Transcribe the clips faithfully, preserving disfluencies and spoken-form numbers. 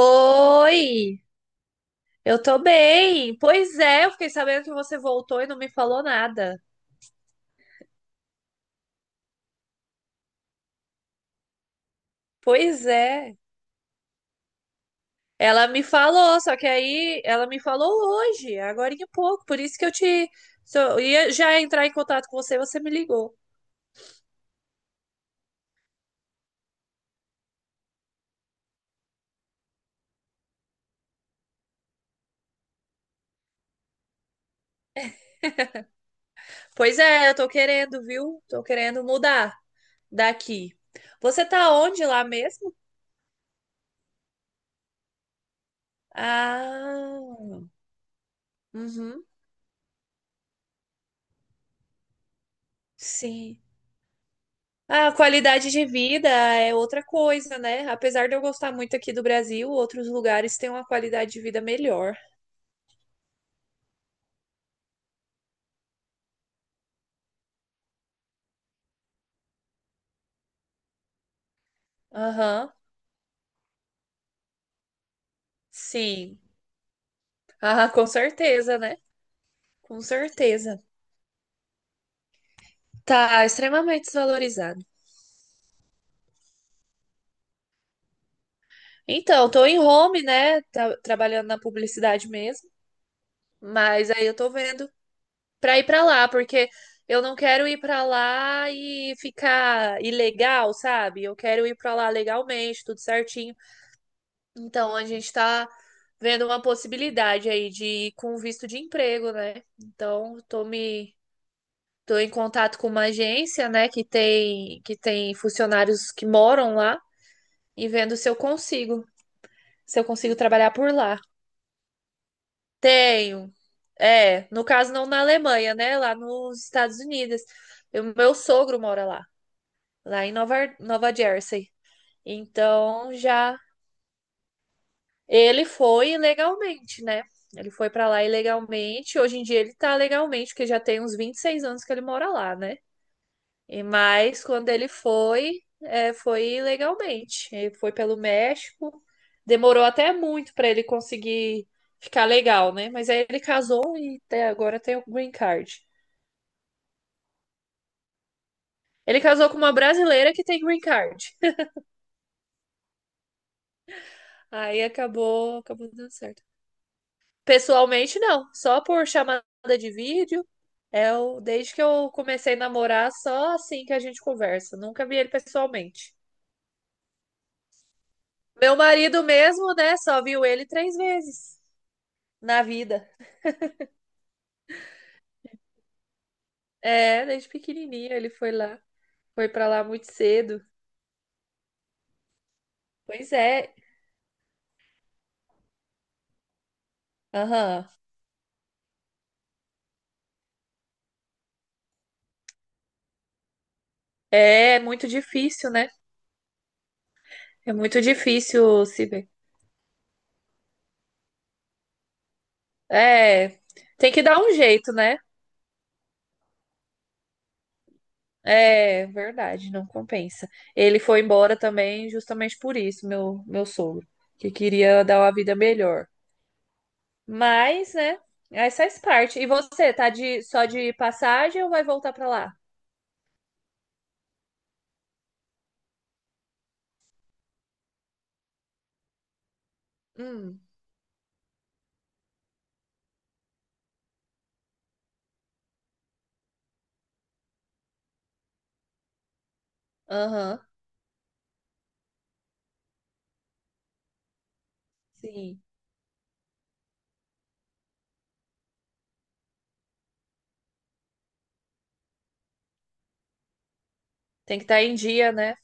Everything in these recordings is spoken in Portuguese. Oi, eu tô bem. Pois é, eu fiquei sabendo que você voltou e não me falou nada. Pois é, ela me falou, só que aí ela me falou hoje, agora em pouco, por isso que eu te so- eu ia já entrar em contato com você, você me ligou. Pois é, eu tô querendo, viu? Tô querendo mudar daqui. Você tá onde lá mesmo? Ah, uhum, sim. A qualidade de vida é outra coisa, né? Apesar de eu gostar muito aqui do Brasil, outros lugares têm uma qualidade de vida melhor. Aham, sim. Ah, com certeza, né? Com certeza. Tá extremamente desvalorizado. Então, tô em home, né? Tá- trabalhando na publicidade mesmo, mas aí eu tô vendo pra ir pra lá, porque eu não quero ir pra lá e ficar ilegal, sabe? Eu quero ir pra lá legalmente, tudo certinho. Então, a gente está vendo uma possibilidade aí de ir com visto de emprego, né? Então, tô me tô em contato com uma agência, né, que tem que tem funcionários que moram lá e vendo se eu consigo, se eu consigo trabalhar por lá. Tenho. É, no caso não na Alemanha, né, lá nos Estados Unidos. O meu sogro mora lá, lá em Nova Nova Jersey. Então, já Ele foi ilegalmente, né? Ele foi pra lá ilegalmente. Hoje em dia ele tá legalmente, porque já tem uns vinte e seis anos que ele mora lá, né? E mas quando ele foi, é, foi ilegalmente. Ele foi pelo México. Demorou até muito pra ele conseguir ficar legal, né? Mas aí ele casou e até agora tem o green card. Ele casou com uma brasileira que tem green card. Aí acabou, acabou dando certo. Pessoalmente, não. Só por chamada de vídeo. É o... Desde que eu comecei a namorar, só assim que a gente conversa. Nunca vi ele pessoalmente. Meu marido mesmo, né? Só viu ele três vezes na vida. É, desde pequenininho ele foi lá. Foi pra lá muito cedo. Pois é. Aham. É é muito difícil, né? É muito difícil se ver. É. Tem que dar um jeito, né? É verdade, não compensa. Ele foi embora também justamente por isso, meu, meu sogro, que queria dar uma vida melhor. Mas, né, essa faz parte. E você, tá de, só de passagem ou vai voltar pra lá? Hum, aham, sim. Tem que estar em dia, né?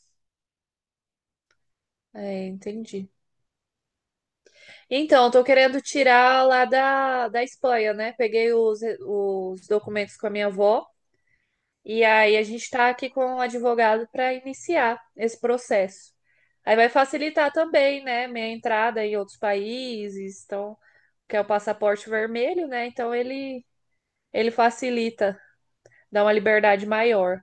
É, entendi. Então, eu tô querendo tirar lá da, da Espanha, né? Peguei os, os documentos com a minha avó. E aí a gente está aqui com um advogado para iniciar esse processo. Aí vai facilitar também, né, minha entrada em outros países, então, que é o passaporte vermelho, né? Então ele ele facilita, dá uma liberdade maior.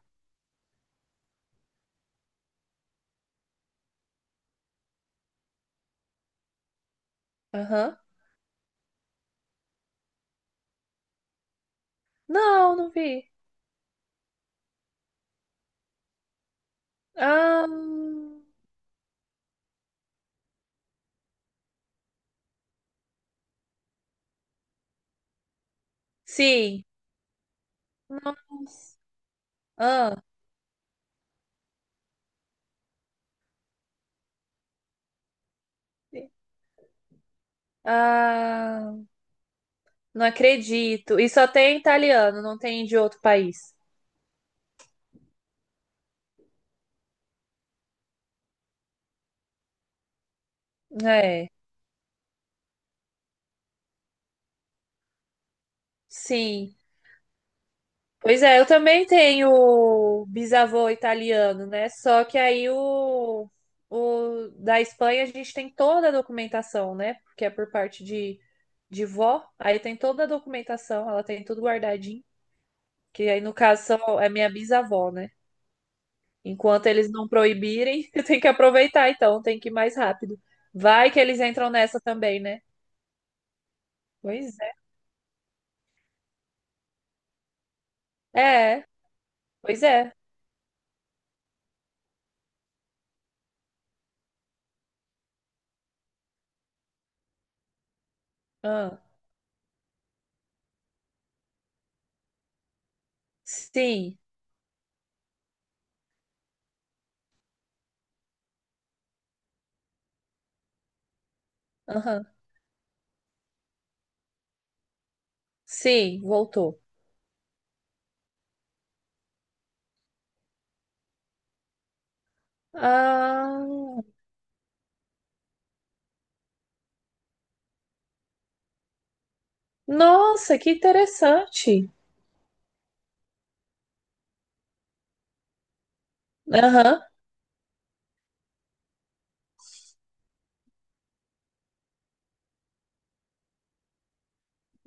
Aham. Não, não vi. Ah, sim. Ah, ah, não acredito. E só tem italiano, não tem de outro país. É, sim. Pois é, eu também tenho bisavô italiano, né? Só que aí o, o da Espanha a gente tem toda a documentação, né? Porque é por parte de, de vó, aí tem toda a documentação, ela tem tudo guardadinho. Que aí, no caso, são, é minha bisavó, né? Enquanto eles não proibirem, tem que aproveitar, então, tem que ir mais rápido. Vai que eles entram nessa também, né? Pois é. É, pois é. Ah, sim. Aham. Sim, voltou. Ah, nossa, que interessante. Aham.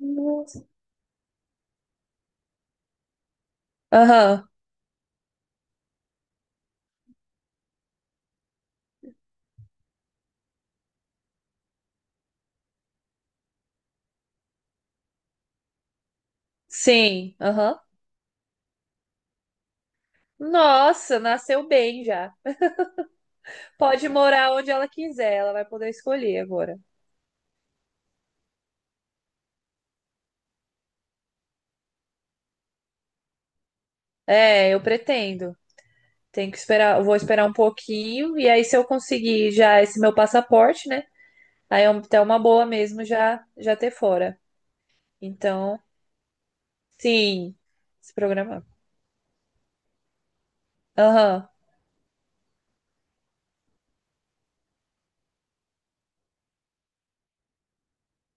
Nossa. Aham. Sim, aham. Nossa, nasceu bem já. Pode morar onde ela quiser, ela vai poder escolher agora. É, eu pretendo. Tenho que esperar, eu vou esperar um pouquinho e aí se eu conseguir já esse meu passaporte, né? Aí é um- até uma boa mesmo já já ter fora. Então, sim, se programar. Aham.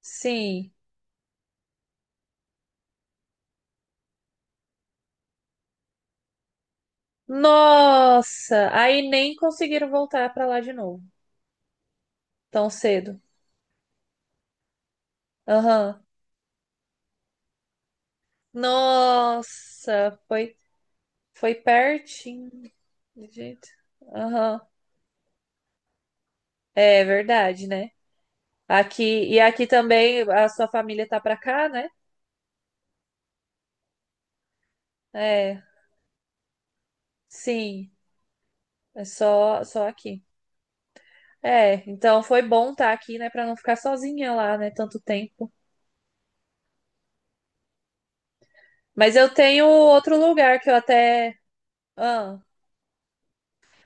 Sim. Nossa! Aí nem conseguiram voltar pra lá de novo, tão cedo. Aham. Nossa! Foi, foi pertinho. Gente. Aham. É verdade, né? Aqui, e aqui também a sua família tá pra cá, né? É, sim. É só, só aqui. É, então foi bom estar aqui, né, pra não ficar sozinha lá, né, tanto tempo. Mas eu tenho outro lugar que eu até. Ah,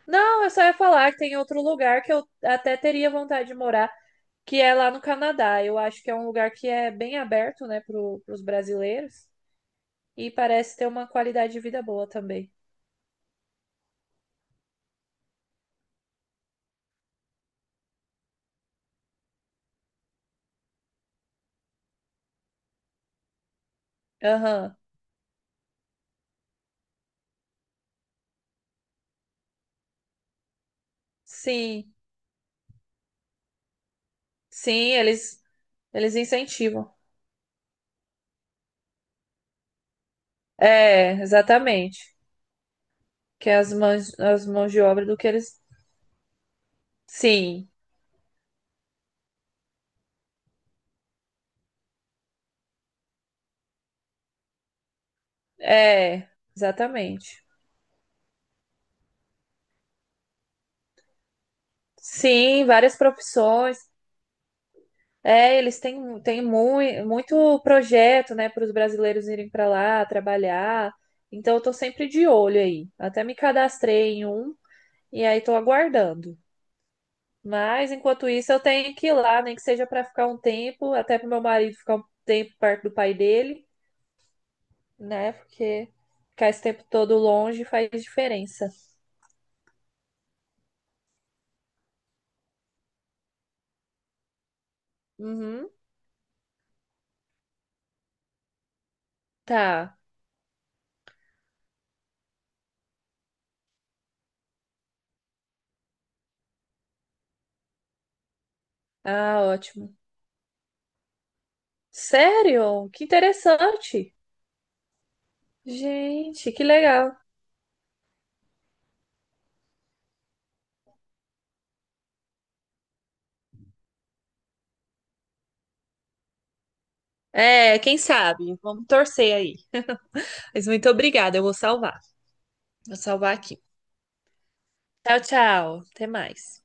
não, eu só ia falar que tem outro lugar que eu até teria vontade de morar, que é lá no Canadá. Eu acho que é um lugar que é bem aberto, né, pro, pros brasileiros e parece ter uma qualidade de vida boa também. Aham. Sim. Sim, eles eles incentivam. É, exatamente. Que as mãos as mãos de obra do que eles. Sim. É, exatamente. Sim, várias profissões. É, eles têm, têm mui- muito projeto, né, para os brasileiros irem para lá trabalhar. Então, eu tô sempre de olho aí. Até me cadastrei em um e aí tô aguardando. Mas, enquanto isso, eu tenho que ir lá, nem que seja para ficar um tempo, até para meu marido ficar um tempo perto do pai dele, né? Porque ficar esse tempo todo longe faz diferença. Uhum, tá. Ah, ótimo. Sério? Que interessante. Gente, que legal. É, quem sabe? Vamos torcer aí. Mas muito obrigada, eu vou salvar. Vou salvar aqui. Tchau, tchau. Até mais.